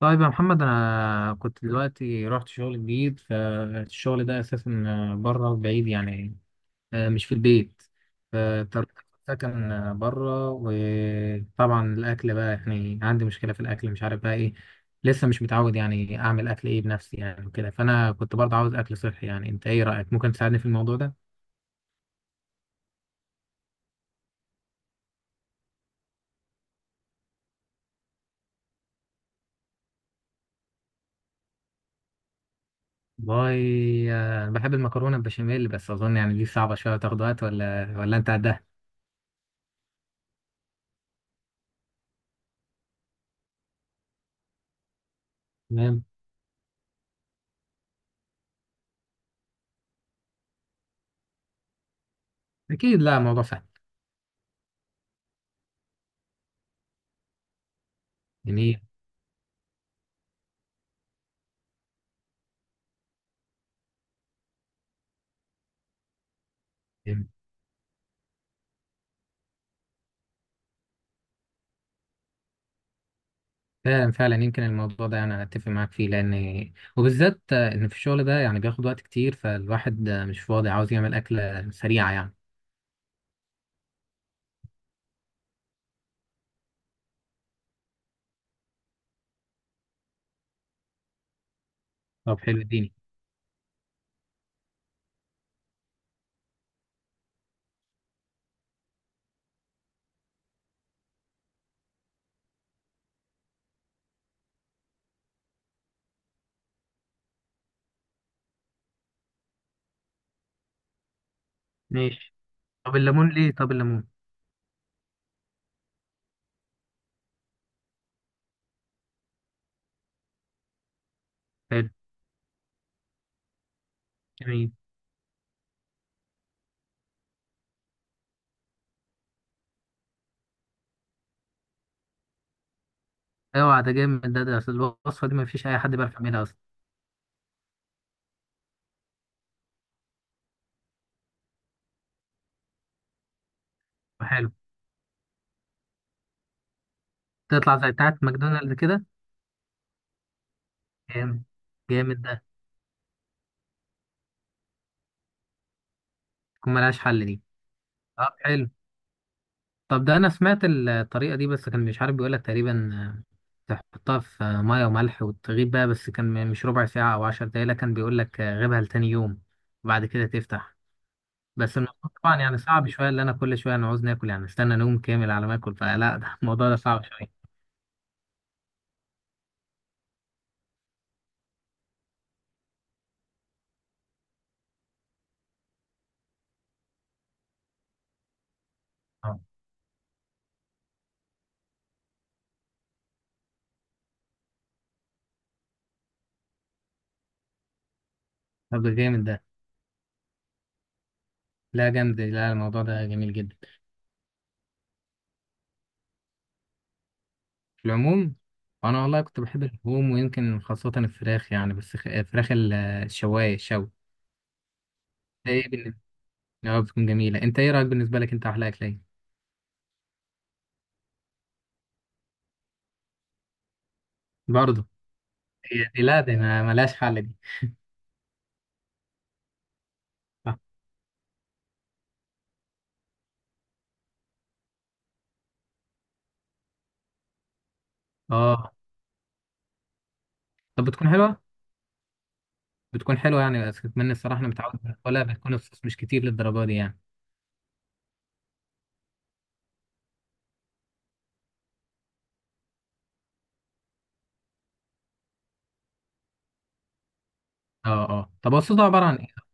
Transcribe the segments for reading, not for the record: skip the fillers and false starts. طيب يا محمد، انا كنت دلوقتي رحت شغل جديد، فالشغل ده اساسا بره بعيد يعني مش في البيت. فاضطريت آخد سكن بره، وطبعا الاكل بقى يعني عندي مشكله في الاكل، مش عارف بقى ايه. لسه مش متعود يعني اعمل اكل ايه بنفسي يعني وكده. فانا كنت برضه عاوز اكل صحي، يعني انت ايه رايك؟ ممكن تساعدني في الموضوع ده؟ باي بحب المكرونه البشاميل، بس اظن يعني دي صعبه شويه، تاخد وقت. ولا انت قدها؟ تمام. اكيد، لا الموضوع سهل. جميل. فعلا فعلا، يمكن الموضوع ده يعني انا اتفق معاك فيه، لان وبالذات ان في الشغل ده يعني بياخد وقت كتير، فالواحد مش فاضي، عاوز يعمل اكله سريعه يعني. طب حلو، اديني. ماشي. طب الليمون ليه؟ طب الليمون. حلو. جميل. اوعى، ده جامد. ده أصل الوصفه دي، ما فيش اي حد بيعرف يعملها اصلا. حلو. تطلع زي بتاعت ماكدونالدز كده. جامد. جامد ده. تكون ملهاش حل دي. طب حلو. طب ده انا سمعت الطريقه دي، بس كان مش عارف، بيقولك تقريبا تحطها في ميه وملح وتغيب بقى، بس كان مش ربع ساعه او 10 دقايق، لا كان بيقولك غيبها لتاني يوم وبعد كده تفتح. بس الموضوع طبعا يعني صعب شويه، اللي انا كل شويه انا عاوز ناكل، يعني استنى نوم كامل على ما اكل، فلا ده الموضوع ده صعب شويه. اه. طب ده جامد ده. لا جامد، لا الموضوع ده جميل جدا. في العموم، انا والله كنت بحب اللحوم، ويمكن خاصه الفراخ يعني، بس فراخ الشوايه، الشوي. ده ايه؟ اه بتكون جميلة. انت ايه رأيك؟ بالنسبة لك انت، احلى اكلة ايه؟ برضه. هي دي، لا دي ما ملهاش حل دي. اه. آه. طب بتكون حلوة يعني، بس اتمنى الصراحة انا متعود، ولا بتكون الصوص مش كتير للدرجة دي يعني. اه، اه. طب هو الصوص ده عبارة عن ايه؟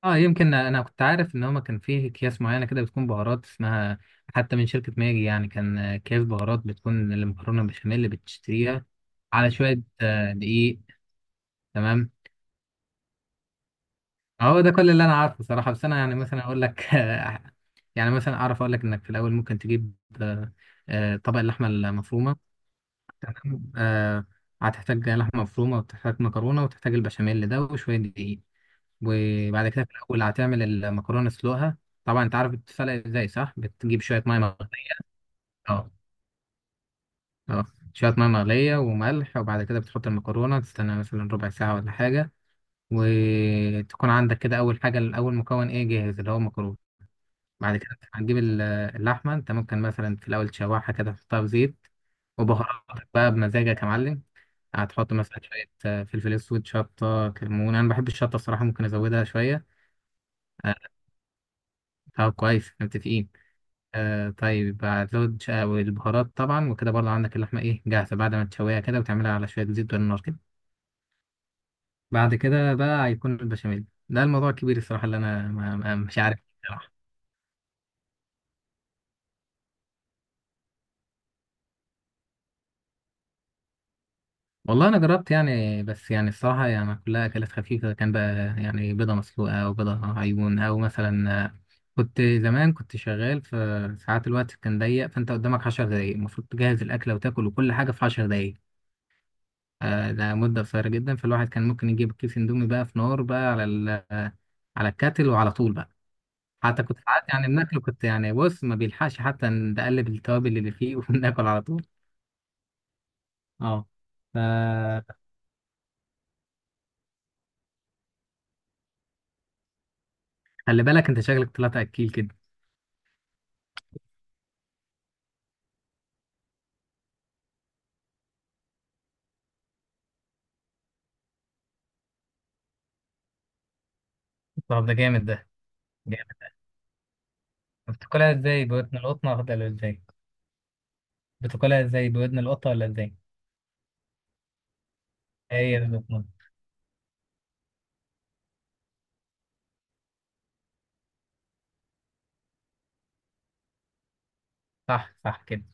اه. يمكن انا كنت عارف ان هما كان فيه اكياس معينة كده، بتكون بهارات اسمها، حتى من شركة ماجي. يعني كان اكياس بهارات بتكون المكرونة البشاميل اللي بتشتريها على شوية دقيق. تمام. هو ده كل اللي انا عارفه صراحه. بس انا يعني مثلا اقول لك يعني مثلا اعرف اقول لك، انك في الاول ممكن تجيب آه، طبق اللحمه المفرومه. تمام. هتحتاج لحمه مفرومه وتحتاج مكرونه وتحتاج البشاميل ده وشويه دقيق. وبعد كده في الاول هتعمل المكرونه، تسلقها. طبعا انت عارف بتتسلق ازاي، صح؟ بتجيب شويه ميه مغليه. اه، اه. شويه ميه مغليه وملح، وبعد كده بتحط المكرونه، تستنى مثلا ربع ساعه ولا حاجه. وتكون عندك كده اول حاجه، اول مكون ايه جاهز، اللي هو المكرونه. بعد كده هتجيب اللحمة. انت ممكن مثلا في الأول تشوحها كده، تحطها في زيت، وبهاراتك بقى بمزاجك يا معلم. هتحط مثلا شوية فلفل أسود، شطة، كمون. أنا بحب الشطة الصراحة، ممكن أزودها شوية. آه، طب كويس، متفقين. طيب، هتزود البهارات طبعا وكده، برضه عندك اللحمة إيه جاهزة بعد ما تشويها كده، وتعملها على شوية زيت والنار كده. بعد كده بقى هيكون البشاميل ده الموضوع الكبير الصراحة، اللي أنا مش عارف. والله انا جربت يعني، بس يعني الصراحه يعني كلها اكلات خفيفه كان بقى. يعني بيضه مسلوقه او بيضه عيون او مثلا كنت زمان، كنت شغال في ساعات الوقت كان ضيق، فانت قدامك 10 دقايق المفروض تجهز الاكله وتاكل، وكل حاجه في 10 دقايق. ده مده قصيره جدا، فالواحد كان ممكن يجيب كيس اندومي بقى في نار بقى على على الكاتل وعلى طول بقى. حتى كنت ساعات يعني بناكله، كنت يعني بص ما بيلحقش حتى نقلب التوابل اللي فيه وناكل على طول. اه. ف- خلي بالك انت، شكلك طلعت اكيل كده. طب ده جامد. ده جامد. بتاكلها ازاي؟ بودن القطة ولا ازاي؟ بتاكلها ازاي؟ بودن القطة ولا ازاي؟ هي دي القطة. صح، صح كده.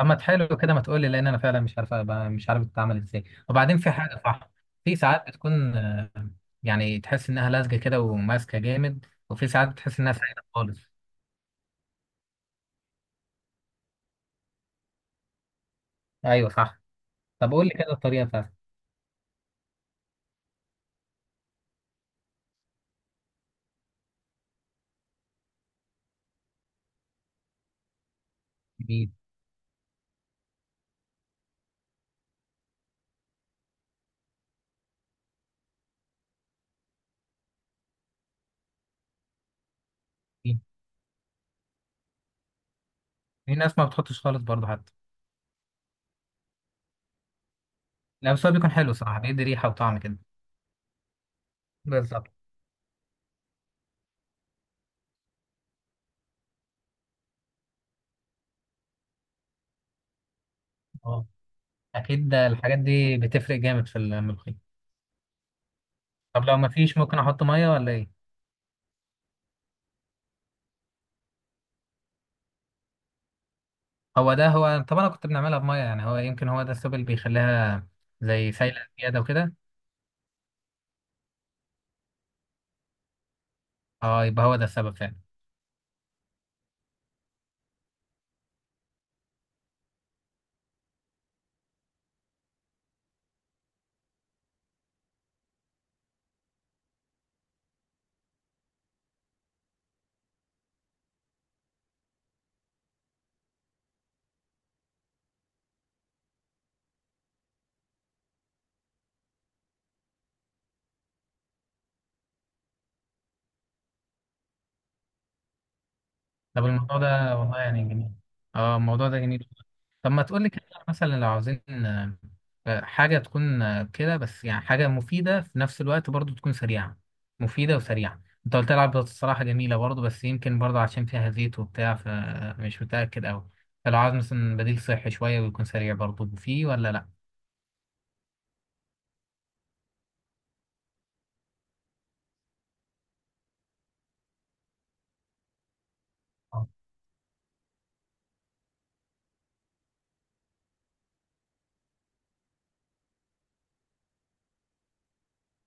اما تحلو كده، ما تقولي، لان انا فعلا مش عارف بتتعمل ازاي. وبعدين في حاجة، صح. في ساعات بتكون يعني تحس انها لازجة كده وماسكة جامد، وفي ساعات بتحس انها سايلة خالص. ايوه صح. طب قول لي كده الطريقة بتاعتك. في في- في ناس ما بتحطش خالص برضه حتى. لا بس هو بيكون حلو صراحة، بيدي ريحة وطعم كده. بالظبط، اه اكيد، ده الحاجات دي بتفرق جامد في الملوخية. طب لو مفيش، ممكن احط ميه ولا ايه؟ هو ده هو. طب انا كنت بنعملها بميه، يعني هو يمكن هو ده السبب اللي بيخليها زي سايله زياده وكده. اه، يبقى هو ده السبب فعلا. طب الموضوع ده والله يعني جميل. اه الموضوع ده جميل. طب ما تقول لي كده، مثلا لو عاوزين حاجه تكون كده، بس يعني حاجه مفيده في نفس الوقت برضو، تكون سريعه. مفيده وسريعه. انت قلت لي العب بطاطس الصراحه جميله برضو، بس يمكن برضو عشان فيها زيت وبتاع، فمش متاكد قوي. فلو عاوز مثلا بديل صحي شويه ويكون سريع برضو، فيه ولا لا؟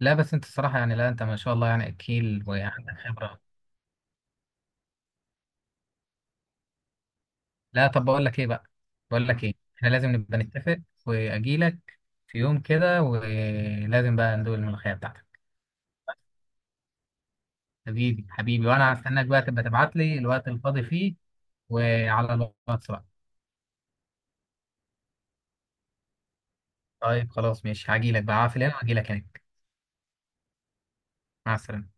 لا بس انت الصراحه يعني، لا انت ما شاء الله، يعني اكيل وعندك خبره. لا طب، بقول لك ايه بقى. بقول لك ايه، احنا لازم نبقى نتفق. واجي لك في يوم كده، ولازم بقى ندوق الملوخيه بتاعتك. حبيبي حبيبي، وانا هستناك بقى، تبقى تبعت لي الوقت الفاضي فيه وعلى الواتس بقى. طيب خلاص ماشي، هاجي لك بقى في اليوم، هاجي لك هناك. مع السلامه.